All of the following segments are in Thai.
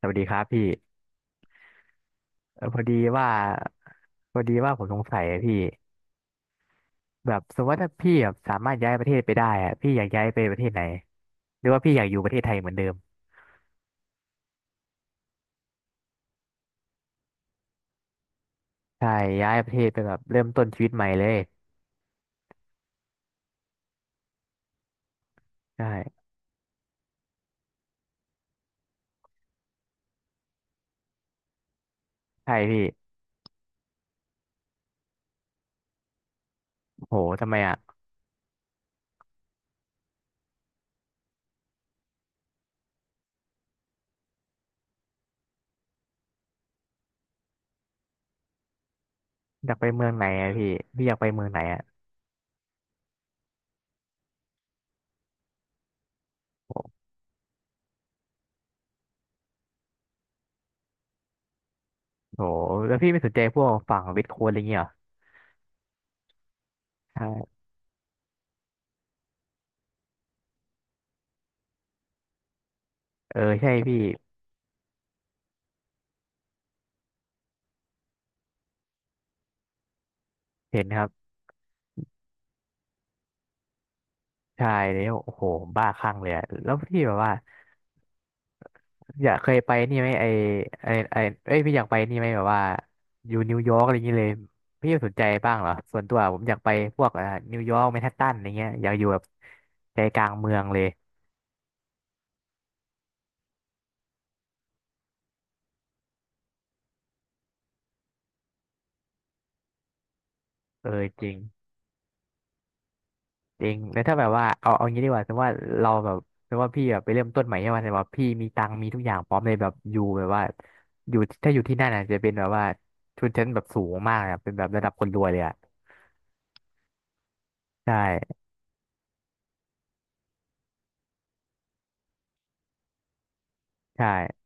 สวัสดีครับพี่พอดีว่าผมสงสัยอะพี่แบบสมมติว่าถ้าพี่แบบสามารถย้ายประเทศไปได้อะพี่อยากย้ายไปประเทศไหนหรือว่าพี่อยากอยู่ประเทศไทยเหมือนเดิมใช่ย้ายประเทศไปแบบเริ่มต้นชีวิตใหม่เลยใช่ใช่พี่โหทำไมอะอยากไปเมืองไหนอะพี่พี่อยากไปเมืองไหนอะโหโหแล้วพี่ไม่สนใจพวกฝั่งเวทโค้ดอะไรเงี้ยเหรอใช่เออใช่พี่เห็นครับใช่แล้วโอ้โหบ้าคลั่งเลยอะแล้วพี่แบบว่า อยากเคยไปนี่ไหมไอไอไอเอ้ยพี่อยากไปนี่ไหมแบบว่าอยู่นิวยอร์กอะไรอย่างเงี้ยเลยพี่สนใจบ้างเหรอส่วนตัวผมอยากไปพวกนิวยอร์กแมนฮัตตันอะไรเงี้ยอยากอยู่แบบใจกลางเมืองเลยเออจริงจริงแล้วถ้าแบบว่าเอาเอางี้ดีกว่าสมมติว่าเราแบบสมมติว่าพี่แบบไปเริ่มต้นใหม่ใช่ไหมแต่ว่าพี่มีตังค์มีทุกอย่างพร้อมเลยแบบอยู่แบบว่าอยู่ถ้าอยู่ที่นั่นอ่ะจะเป็นแบบว่าชนชั้นแบบสูงมากอ่ะเป็นแบบระดับคนรวยเลยอ่ะใช่ใช่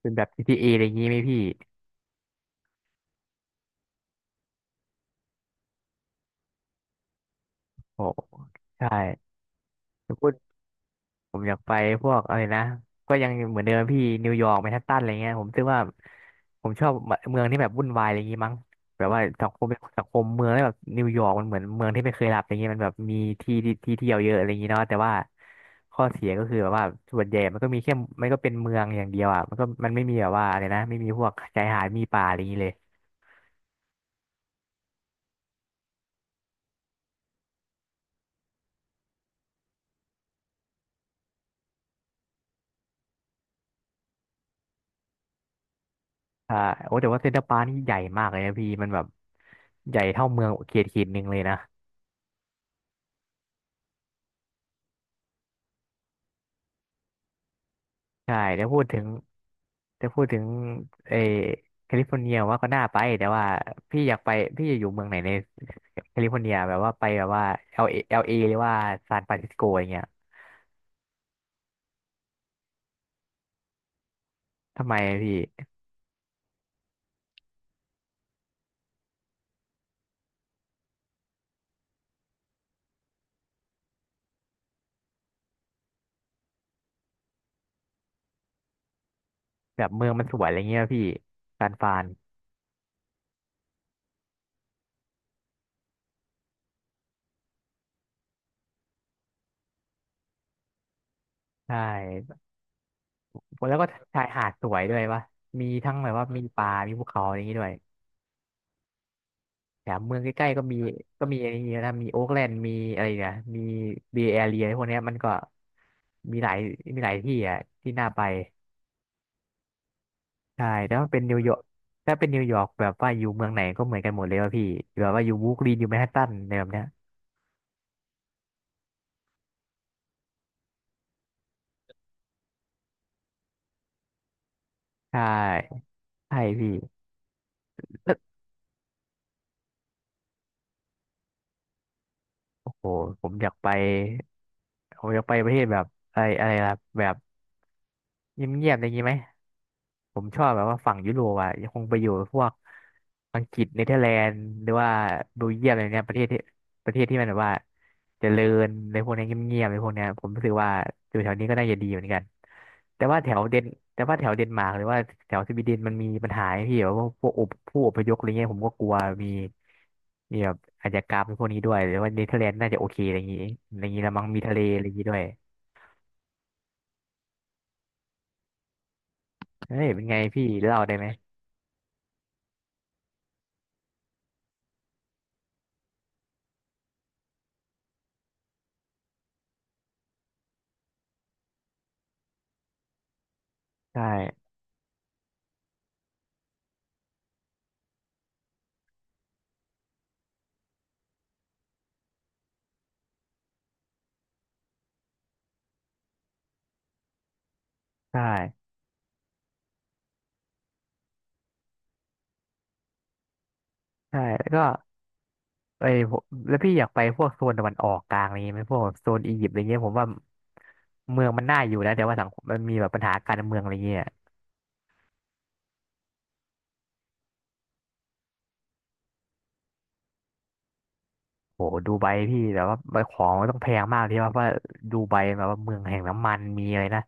เป็นแบบ GTA ออะไรอย่างงี้ไหมพี่โอ้ใช่ จะพูดผมอยากไปพวกอะไรนะก็ยังเหมือนเดิมพี่นิวยอร์กแมนฮัตตันอะไรเงี้ยผมคิดว่าผมชอบเมืองที่แบบวุ่นวายอะไรอย่างงี้มั้งแบบว่าสังคมสังคมเมืองแล้วแบบนิวยอร์กมันเหมือนเมืองที่ไม่เคยหลับอะไรเงี้ยมันแบบมีที่ที่เที่ยวเยอะอะไรอย่างงี้เนาะแต่ว่าข้อเสียก็คือแบบว่าส่วนใหญ่มันก็มีแค่มันก็เป็นเมืองอย่างเดียวอ่ะมันก็มันไม่มีแบบว่าอะไรนะไม่มีพวกชายหาดมีป่าอะไรอย่างงี้เลยอ่าโอ้แต่ว่าเซ็นทรัลปาร์คนี่ใหญ่มากเลยนะพี่มันแบบใหญ่เท่าเมืองเขตหนึ่งเลยนะ ใช่แต่พูดถึงแตพูดถึงเออแคลิฟอร์เนียว่าก็น่าไปแต่ว่าพี่อยากไปพี่จะอยู่เมืองไหนในแคลิฟอร์เนียแบบว่าไปแบบว่าเอลเอเอลเอหรือว่าซานฟรานซิสโกอย่างเงี้ยทำไมพี่แบบเมืองมันสวยอะไรเงี้ยพี่ซานฟรานใช่แล้วก็ชายหาดสวยด้วยวะมีทั้งแบบว่ามีป่ามีภูเขาอะไรอย่างงี้ด้วยแถมเมืองใกล้ๆก็มีก็มีอะไรอย่างเงี้ยนะมีโอ๊คแลนด์มีอะไรเนี่ยมีเบย์แอเรียพวกเนี้ยมันก็มีหลายมีหลายที่อ่ะที่น่าไป ใช่แต่ว่าเป็นนิวยอร์กถ้าเป็นนิวยอร์กแบบว่าอยู่เมืองไหนก็เหมือนกันหมดเลยว่าพี่แบบว่าอยู่บรูคลินอยู่แมนฮัตตันอะไรแบบเนี้ยใช่ใช่พี่แล้วโอ้โหผมอยากไปผมอยากไปประเทศแบบอะไรอะไรล่ะแบบเงียบๆอะไรอย่างงี้ไหมผมชอบแบบว่าฝั่งยุโรปอ่ะคงไปอยู่พวกอังกฤษเนเธอร์แลนด์หรือว่าเบลเยียมอะไรเนี้ยประเทศที่ประเทศที่มันแบบว่าเจริญในพวกเนี้ยเงียบๆในพวกเนี้ยผมรู้สึกว่าอยู่แถวนี้ก็น่าจะดีเหมือนกัน แต่ว่าแถวเดนแต่ว่าแถวเดนมาร์กหรือว่าแถวสวีเดนมันมีปัญหาไอ้พี่แบบว่าพวกอพผู้อพยพอะไรเงี้ยผมก็กลัวมีมีแบบอาชญากรรมพวกนี้ด้วยหรือว่าเนเธอร์แลนด์น่าจะโอเคอะไรอย่างงี้อะไรอย่างงี้ละมั้งมีทะเลอะไรอย่างงี้ด้วยเฮ้ยเป็นไงพี่เล่าได้ไหมใช่ใช่ใช่แล้วก็ไอ้ยผมแล้วพี่อยากไปพวกโซนตะวันออกกลางอะไรเงี้ยไหมพวกแบบโซนอียิปต์อะไรเงี้ยผมว่าเมืองมันน่าอยู่นะแต่ว่าสังคมมันมีแบบปัญหาการเมืองอะไรเงี้ย โหดูไบพี่แต่ว่าปของมันต้องแพงมากที่ว่าเพราะว่าดูไบแบบว่าเมืองแห่งน้ำมันมีอะไรนะ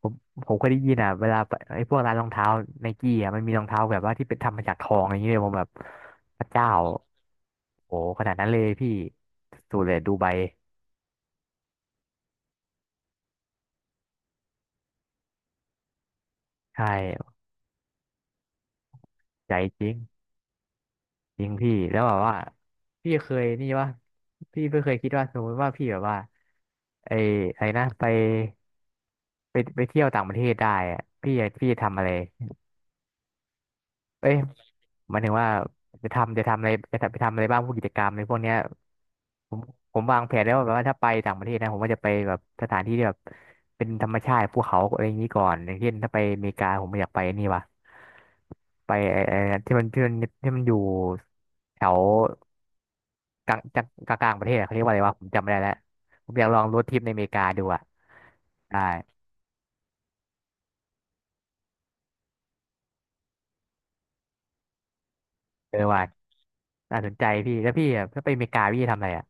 ผมเคยได้ยินอ่ะเวลาไปไอ้พวกร้านรองเท้าไนกี้อ่ะมันมีรองเท้าแบบว่าที่เป็นทำมาจากทองอย่างเงี้ยผมแบบพระเจ้าโหขนาดนั้นเลยพี่สุดเลยดูไบใช่ใจจริงจริงพี่แล้วแบบว่าพี่เคยนี่ว่าพี่ไม่เคยคิดว่าสมมติว่าพี่แบบว่าไอ้อะไรนะไปไปเที่ยวต่างประเทศได้อะพี่จะพี่จะทำอะไร เอ้ยหมายถึงว่าจะทำอะไรจะไปทำอะไรบ้างพวกกิจกรรมในพวกเนี้ยผมผมวางแผนแล้วว่าแบบว่าถ้าไปต่างประเทศนะผมก็จะไปแบบสถานที่ที่แบบเป็นธรรมชาติภูเขาอะไรอย่างนี้ก่อนอย่างเช่นถ้าไปอเมริกาผมอยากไปนี่ว่ะไปไอ้ที่มันที่มันอยู่แถวกลางๆประเทศอะเขาเรียกว่าอะไรวะผมจำไม่ได้แล้วผมอยากลองรถทริปในอเมริกาดูอ่ะได้เออว่ะน่าสนใจพี่แล้วพี่อะถ้าไปอเมริกาพี่จะทำอะไรอ่ะ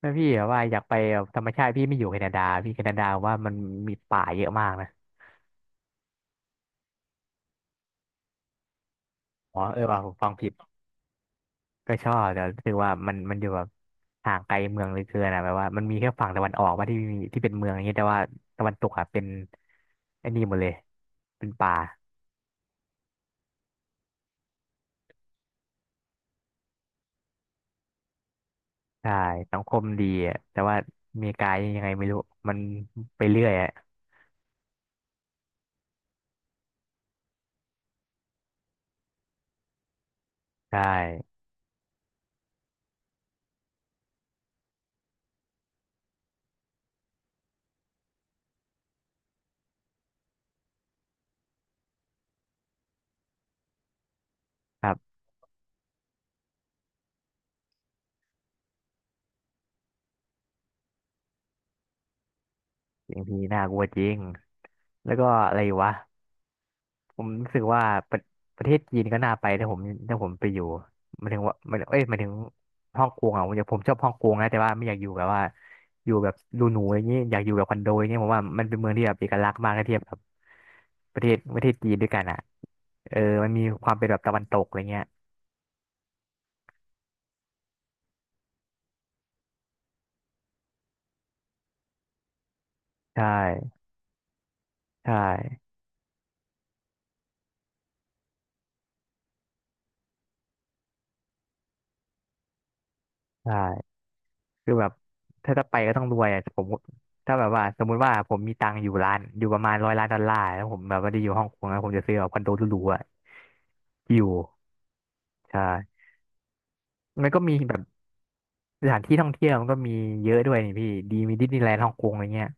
แม่พี่อะว่าอยากไปแบบธรรมชาติพี่ไม่อยู่แคนาดาพี่แคนาดาว่ามันมีป่าเยอะมากนะอ๋อเออว่าผมฟังผิดก็ชอบแต่รู้สึกว่ามันอยู่แบบห่างไกลเมืองเหลยเกินอะแบบว่ามันมีแค่ฝั่งตะวันออกว่าที่มีที่เป็นเมืองอย่างเงี้ยแต่ว่าตะวันตกอะเป็นไอ้นี่หมดเลยเป็นป่าใช่สังคมดีอะแต่ว่าอเมริกายังไงไม่รู้มันไปเรื่อยอะใช่ครับอย่างที่น่ากลัวจริงแล้วก็อะไรวะ ผมรู้สึกว่าประประเทศจีนก็น่าไปแต่ผมถ้าผมไปอยู่หมายถึงว่าหมายถึงฮ่องกงอ่ะผมชอบฮ่องกงนะแต่ว่าไม่อยากอยู่แบบว่าอยู่แบบดูหนูอย่างนี้อยากอยู่แบบคอนโดอย่างนี้ผมว่ามันเป็นเมืองที่แบบเอกลักษณ์มากถ้าเทียบกับประเทศจีนด้วยกันอ่ะเออมันมีความเป็นแบบตะวันตกอะไรเงี้ยใช่ใช่ใช่คือแบบถ้าจะไปก็ต้องรวยอ่ะผมถ้าแบบว่าสมมุติว่าผมมีตังค์อยู่ประมาณ100 ล้านดอลลาร์แล้วผมแบบว่าได้อยู่ฮ่องกงแล้วผมจะซื้อแบบคอนโดหรูๆอ่ะอยู่ ใช่มันก็มีแบบสถานที่ท่องเที่ยวมันก็มีเยอะด้วยนี่พี่ดีมีดิสนีย์แลนด์ฮ่องกงอะไรเงี้ย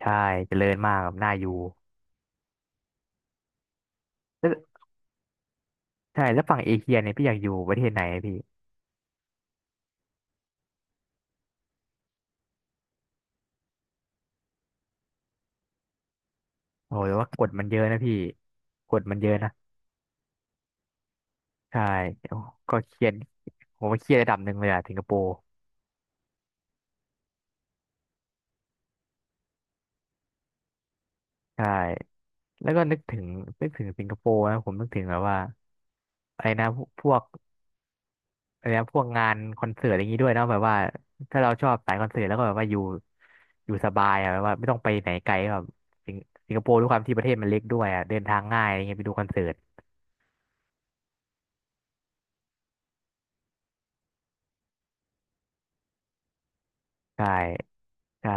ใช่เจริญมากแบบน่าอยู่แล้วใช่แล้วฝั่งเอเชียเนี่ยพี่อยากอยู่ประเทศไหนอะพี่โอ้ยว่ากฎมันเยอะนะพี่กฎมันเยอะนะใช่โอ้ก็เครียดผมว่าเครียดระดับหนึ่งเลยอะสิงคโปร์ใช่แล้วก็นึกถึงสิงคโปร์นะผมนึกถึงแบบว่าอะไรนะพวก อะไรนะพวกงานคอนเสิร์ตอะไรอย่างนี้ด้วยเนาะแบบว่าถ้าเราชอบสายคอนเสิร์ตแล้วก็แบบว่าอยู่สบายอะแบบว่าไม่ต้องไปไหนไกลแบบสิงสิงคโปร์ด้วยความที่ประเทศมันเล็กด้วยอะเดินทางง่ายอะไรเงี้ยไปดูคอนเสิร์ตใช่ใช่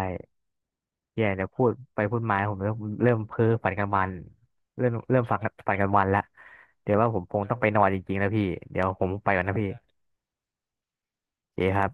แย่เดี๋ยวพูดไปพูดมาผมเริ่มเพ้อฝันกลางวันเริ่มเริ่มฝันกลางวันละเดี๋ยวว่าผมคงต้องไปนอนจริงๆแล้วพี่เดี๋ยวผมไปก่อนนะพี่เจ๊ครับ